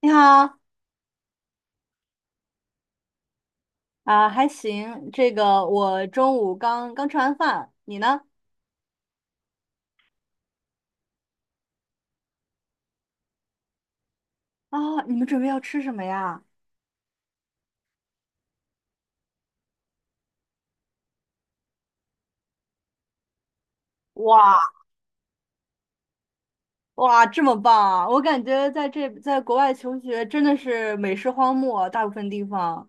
你好。啊，还行。这个我中午刚刚吃完饭，你呢？啊，你们准备要吃什么呀？哇哇，这么棒啊！我感觉在这在国外求学真的是美食荒漠，大部分地方。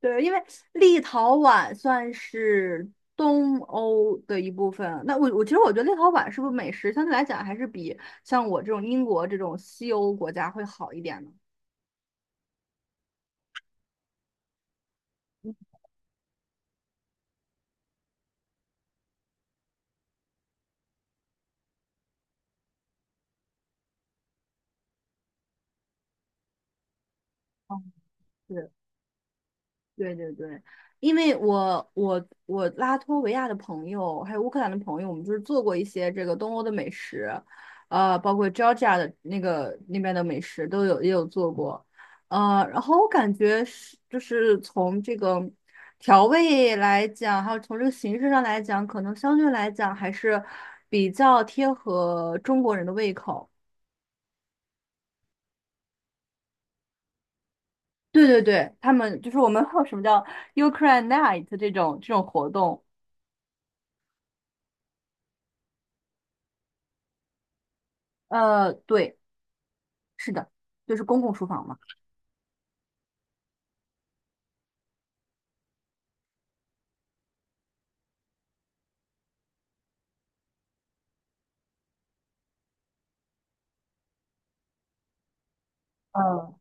对，因为立陶宛算是东欧的一部分。那我其实我觉得立陶宛是不是美食相对来讲还是比像我这种英国这种西欧国家会好一点呢？哦，对。对对对，因为我拉脱维亚的朋友，还有乌克兰的朋友，我们就是做过一些这个东欧的美食，包括 Georgia 的那个那边的美食都有也有做过，然后我感觉是就是从这个调味来讲，还有从这个形式上来讲，可能相对来讲还是比较贴合中国人的胃口。对对对，他们就是我们 会有什么叫 Ukraine Night 这种活动。呃，对，是的，就是公共厨房嘛。嗯，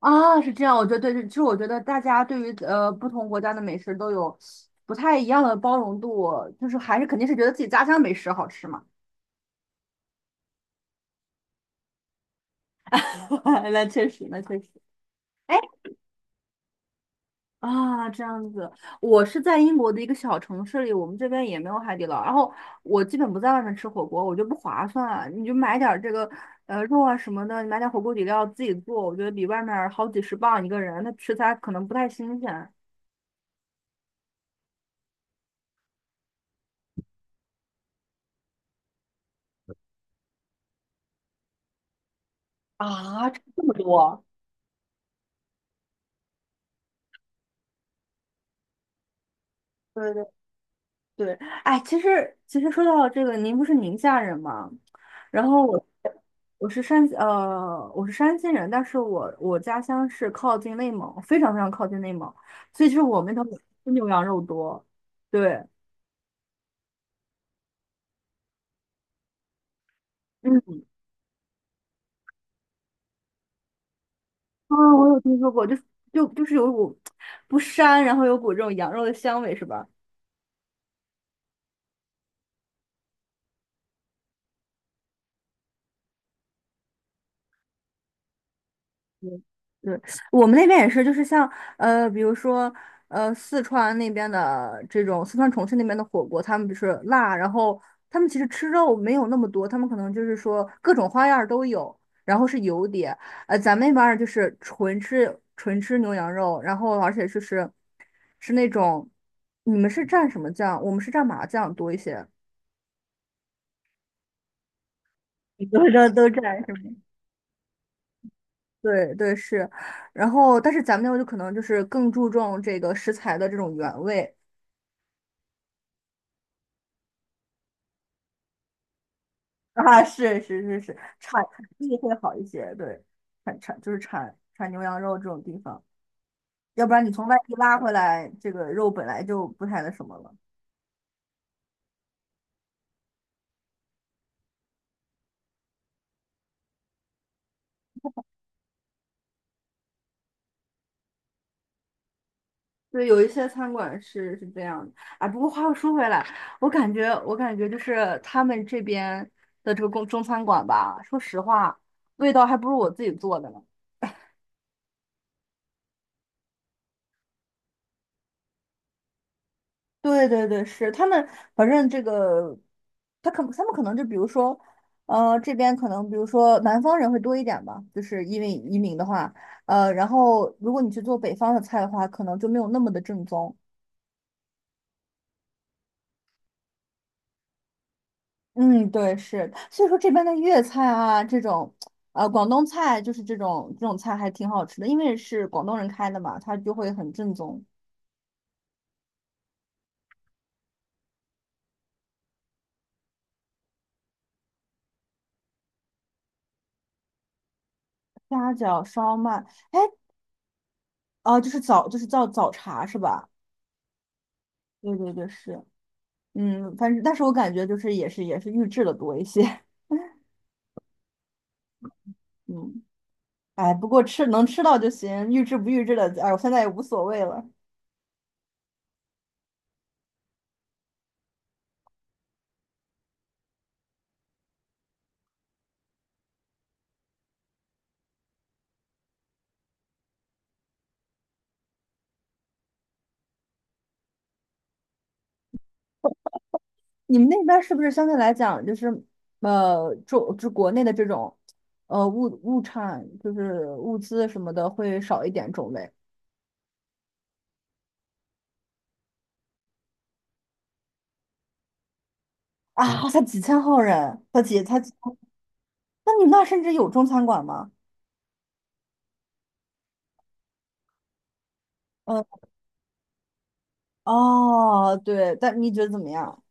啊，是这样，我觉得对，其实我觉得大家对于不同国家的美食都有不太一样的包容度，就是还是肯定是觉得自己家乡美食好吃嘛。那确实，那确实。哎啊，这样子，我是在英国的一个小城市里，我们这边也没有海底捞，然后我基本不在外面吃火锅，我觉得不划算，你就买点儿这个肉啊什么的，你买点儿火锅底料自己做，我觉得比外面儿好几十磅一个人，他食材可能不太新鲜。啊，这么多，对对对，哎，其实说到这个，您不是宁夏人吗？然后我我是山西人，但是我家乡是靠近内蒙，非常非常靠近内蒙，所以就是我们那头吃牛羊肉多，对，嗯，啊，我有听说过，就就是有股不膻，然后有股这种羊肉的香味，是吧？嗯对，我们那边也是，就是像比如说四川那边的这种，四川重庆那边的火锅，他们就是辣，然后他们其实吃肉没有那么多，他们可能就是说各种花样儿都有，然后是油碟，咱们那边儿就是纯吃牛羊肉，然后而且就是是那种，你们是蘸什么酱？我们是蘸麻酱多一些。你多少都蘸是吗？对对是，然后但是咱们那边就可能就是更注重这个食材的这种原味。 啊，是，产地会好一些，对，就是产牛羊肉这种地方，要不然你从外地拉回来，这个肉本来就不太那什么了。对，有一些餐馆是这样的，哎，不过话又说回来，我感觉就是他们这边的这个中餐馆吧，说实话，味道还不如我自己做的呢。对对对，是他们，反正这个，他们可能就比如说，呃，这边可能比如说南方人会多一点吧，就是因为移民的话，然后如果你去做北方的菜的话，可能就没有那么的正宗。嗯，对，是，所以说这边的粤菜啊，这种，广东菜就是这种菜还挺好吃的，因为是广东人开的嘛，它就会很正宗。虾饺、烧麦，哎，哦、就是早就是叫早茶是吧？对对对，是。嗯，反正但是我感觉就是也是预制的多一些。嗯，哎，不过吃能吃到就行，预制不预制的，哎，我现在也无所谓了。你们那边儿是不是相对来讲就是国内的这种呃物物产就是物资什么的会少一点种类？啊？才几千号人，才几才几，那你们那儿甚至有中餐馆吗？嗯，哦，对，但你觉得怎么样？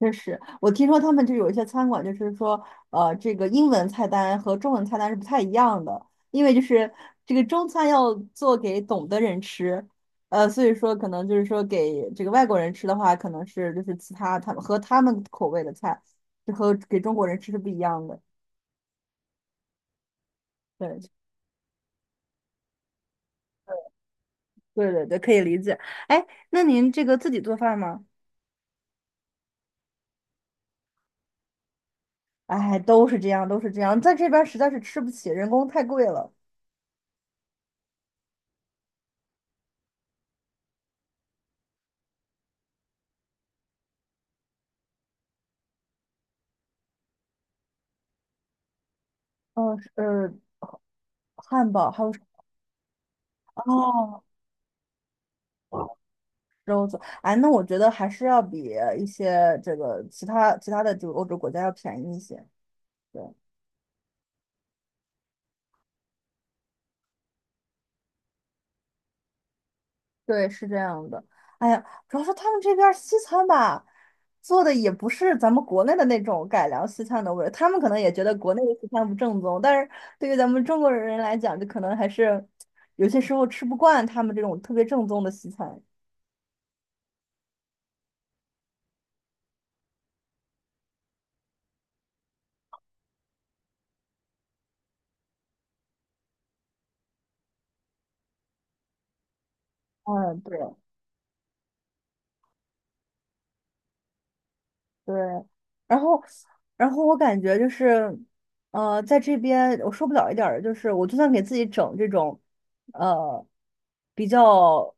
确实，我听说他们就有一些餐馆，就是说，呃，这个英文菜单和中文菜单是不太一样的，因为就是这个中餐要做给懂的人吃，所以说可能就是说给这个外国人吃的话，可能是就是其他他们和他们口味的菜，就和给中国人吃是不一样的。对，对对对，可以理解。哎，那您这个自己做饭吗？哎，都是这样，都是这样，在这边实在是吃不起，人工太贵了。嗯，呃，汉堡还有什么？哦。哎，那我觉得还是要比一些这个其他的这个欧洲国家要便宜一些。对对，是这样的。哎呀，主要是他们这边儿西餐吧，做的也不是咱们国内的那种改良西餐的味儿，他们可能也觉得国内的西餐不正宗，但是对于咱们中国人来讲，就可能还是有些时候吃不惯他们这种特别正宗的西餐。嗯，对。对，然后，然后我感觉就是，呃，在这边我受不了一点儿的就是，我就算给自己整这种，呃，比较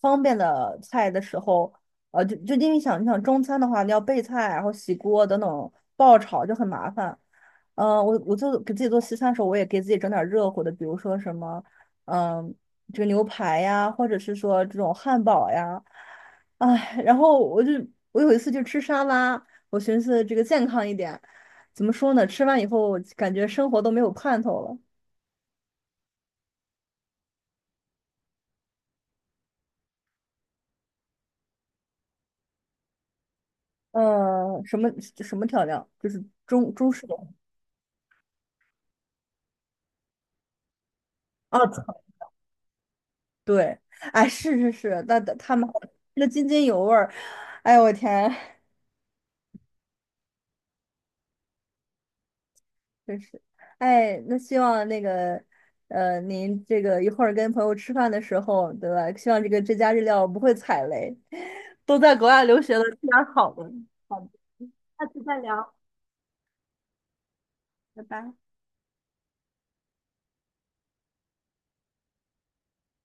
方便的菜的时候，就因为想，你想中餐的话，你要备菜，然后洗锅等等，爆炒就很麻烦。嗯、我就给自己做西餐的时候，我也给自己整点儿热乎的，比如说什么，嗯、这个牛排呀，或者是说这种汉堡呀，哎，然后我有一次就吃沙拉。我寻思这个健康一点，怎么说呢？吃完以后感觉生活都没有盼头了。呃，什么调料？就是中式的啊，对，哎，是是是，那那他们那津津有味儿。哎呦我天，真是，哎，那希望那个您这个一会儿跟朋友吃饭的时候，对吧？希望这个这家日料不会踩雷。都在国外留学了，吃点好的。好的，下次再聊，拜拜。